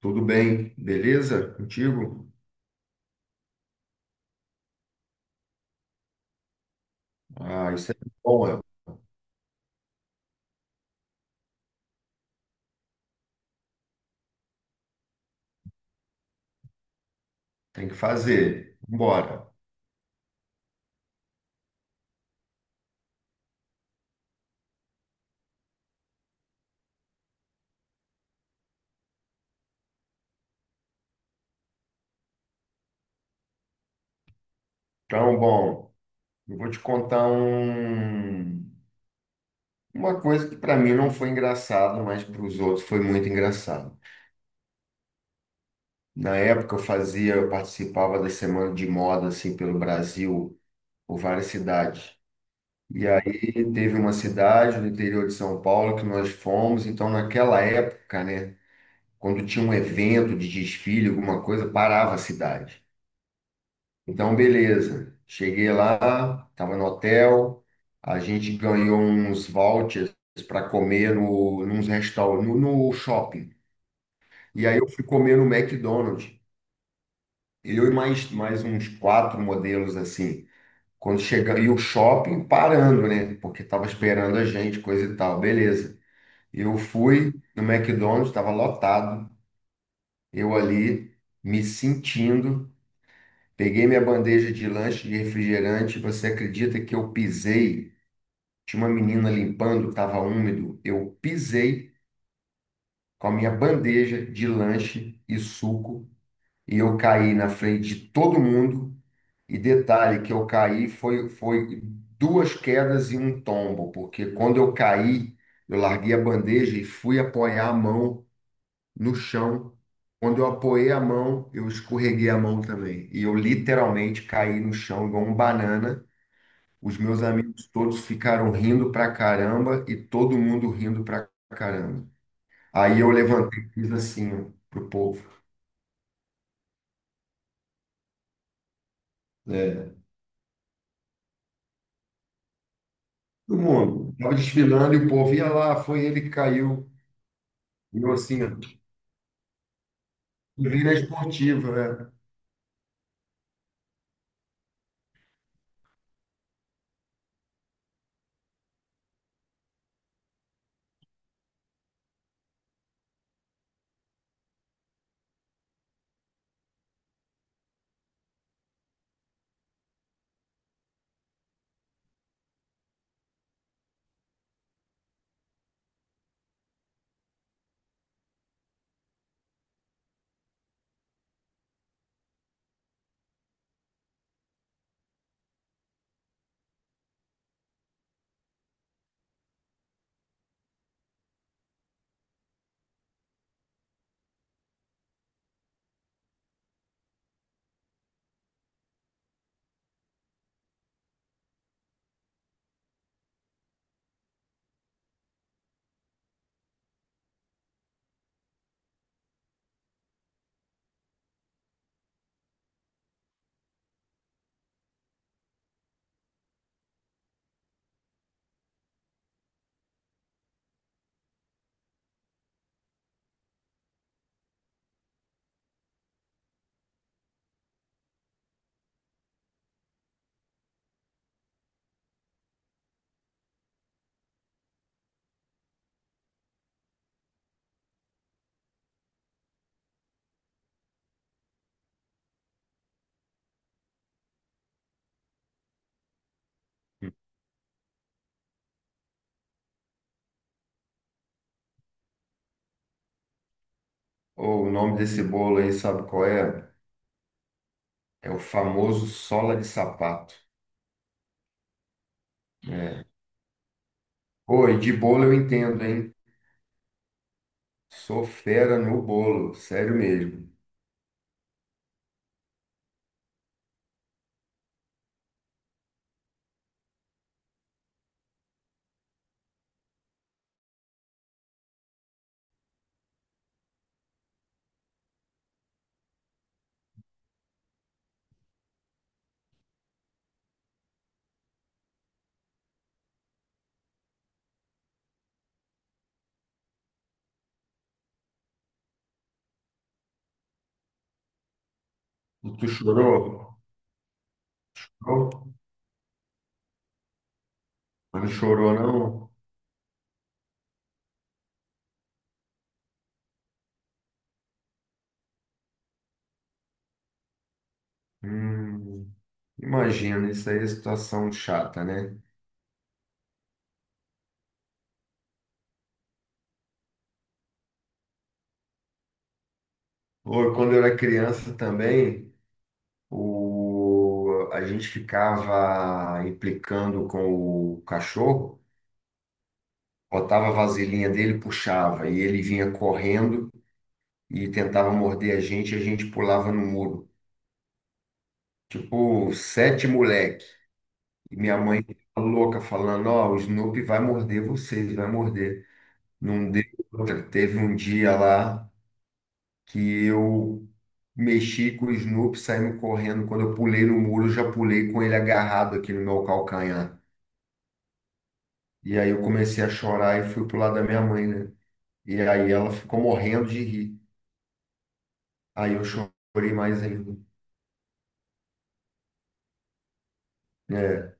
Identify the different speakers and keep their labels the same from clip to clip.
Speaker 1: Tudo bem, beleza? Contigo? Ah, isso é bom, é. Tem que fazer. Bora. Então, bom, eu vou te contar um, uma coisa que para mim não foi engraçado, mas para os outros foi muito engraçado. Na época eu participava da semana de moda assim pelo Brasil, por várias cidades. E aí teve uma cidade no interior de São Paulo que nós fomos, então naquela época, né, quando tinha um evento de desfile, alguma coisa, parava a cidade. Então, beleza. Cheguei lá, estava no hotel, a gente ganhou uns vouchers para comer nos restaurantes, no shopping. E aí eu fui comer no McDonald's. Eu e mais uns quatro modelos assim. Quando chega, e o shopping parando, né? Porque estava esperando a gente, coisa e tal. Beleza. Eu fui no McDonald's, estava lotado. Eu ali me sentindo. Peguei minha bandeja de lanche de refrigerante. Você acredita que eu pisei? Tinha uma menina limpando, estava úmido. Eu pisei com a minha bandeja de lanche e suco e eu caí na frente de todo mundo. E detalhe que eu caí foi duas quedas e um tombo, porque quando eu caí, eu larguei a bandeja e fui apoiar a mão no chão. Quando eu apoiei a mão, eu escorreguei a mão também. E eu literalmente caí no chão igual um banana. Os meus amigos todos ficaram rindo pra caramba e todo mundo rindo pra caramba. Aí eu levantei e fiz assim, ó, pro povo. É, todo mundo. Tava desfilando e o povo ia lá, foi ele que caiu. E eu assim, ó, e vi na esportiva, né? Ô, o nome desse bolo aí, sabe qual é? É o famoso sola de sapato. É. Oi, de bolo eu entendo, hein? Sou fera no bolo, sério mesmo. E tu chorou? Chorou? Não chorou, não? Hum, imagina, isso aí é situação chata, né? Ou quando eu era criança também, a gente ficava implicando com o cachorro, botava a vasilhinha dele, puxava, e ele vinha correndo e tentava morder a gente, e a gente pulava no muro. Tipo, sete moleque. E minha mãe ficava louca, falando, ó, o Snoopy vai morder vocês, vai morder. Não deu outra. Teve um dia lá, que eu mexi com o Snoop, saímos correndo. Quando eu pulei no muro, eu já pulei com ele agarrado aqui no meu calcanhar. E aí eu comecei a chorar e fui pro lado da minha mãe, né? E aí ela ficou morrendo de rir. Aí eu chorei mais ainda. É.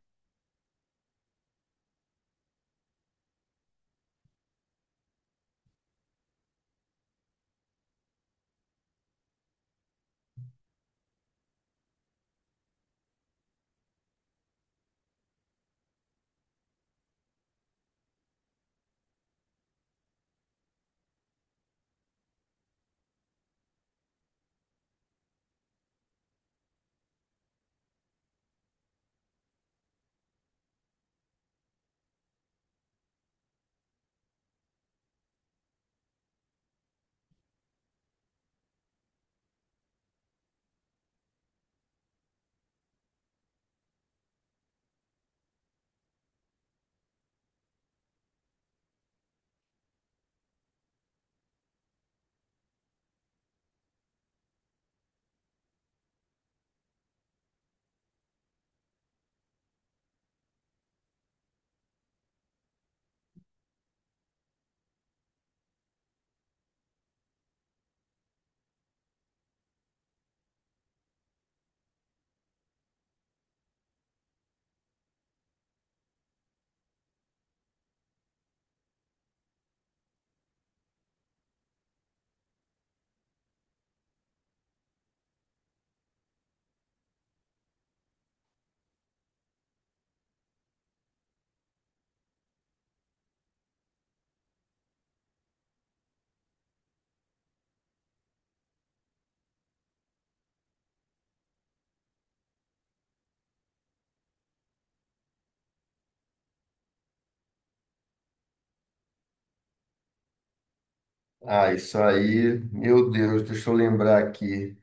Speaker 1: Ah, isso aí, meu Deus, deixa eu lembrar aqui.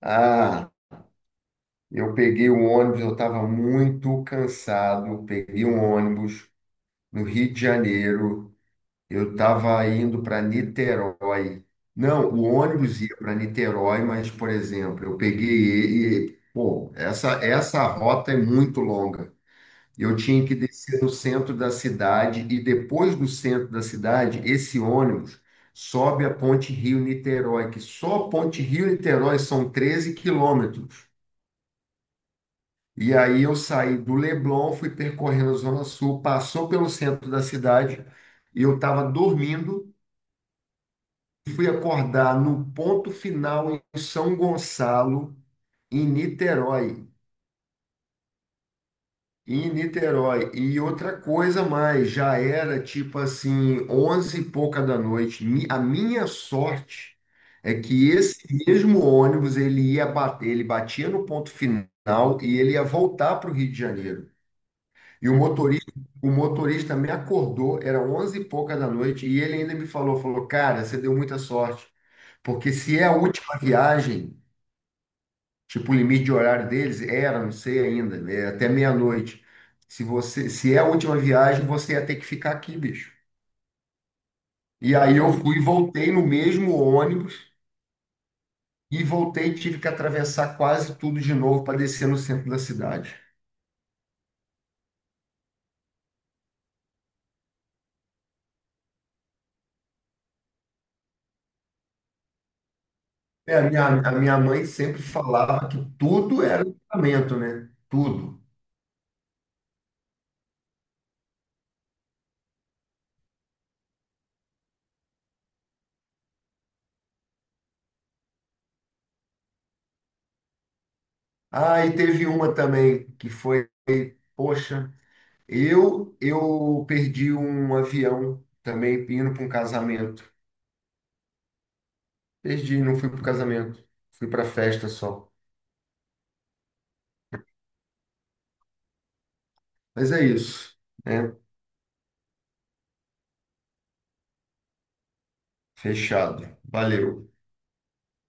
Speaker 1: Ah, eu peguei o ônibus, eu estava muito cansado. Peguei um ônibus no Rio de Janeiro. Eu estava indo para Niterói. Não, o ônibus ia para Niterói, mas, por exemplo, eu peguei ele e, pô, essa rota é muito longa. Eu tinha que descer no centro da cidade e depois do centro da cidade, esse ônibus sobe a Ponte Rio-Niterói, que só a Ponte Rio-Niterói são 13 quilômetros. E aí eu saí do Leblon, fui percorrendo a Zona Sul, passou pelo centro da cidade e eu estava dormindo, fui acordar no ponto final em São Gonçalo, em Niterói. Em Niterói. E outra coisa mais, já era tipo assim, onze e pouca da noite. A minha sorte é que esse mesmo ônibus, ele ia bater, ele batia no ponto final e ele ia voltar para o Rio de Janeiro. E o motorista me acordou, era onze e pouca da noite, e ele ainda me falou, falou, cara, você deu muita sorte. Porque se é a última viagem, tipo, o limite de horário deles era, não sei ainda, né, até meia-noite. Se você, se é a última viagem, você ia ter que ficar aqui, bicho. E aí eu fui, e voltei no mesmo ônibus e voltei, e tive que atravessar quase tudo de novo para descer no centro da cidade. É, a minha mãe sempre falava que tudo era livramento, né? Tudo. Ah, e teve uma também que foi, poxa, eu perdi um avião também indo para um casamento. Perdi, não fui pro casamento. Fui pra festa só. Mas é isso, né? Fechado. Valeu.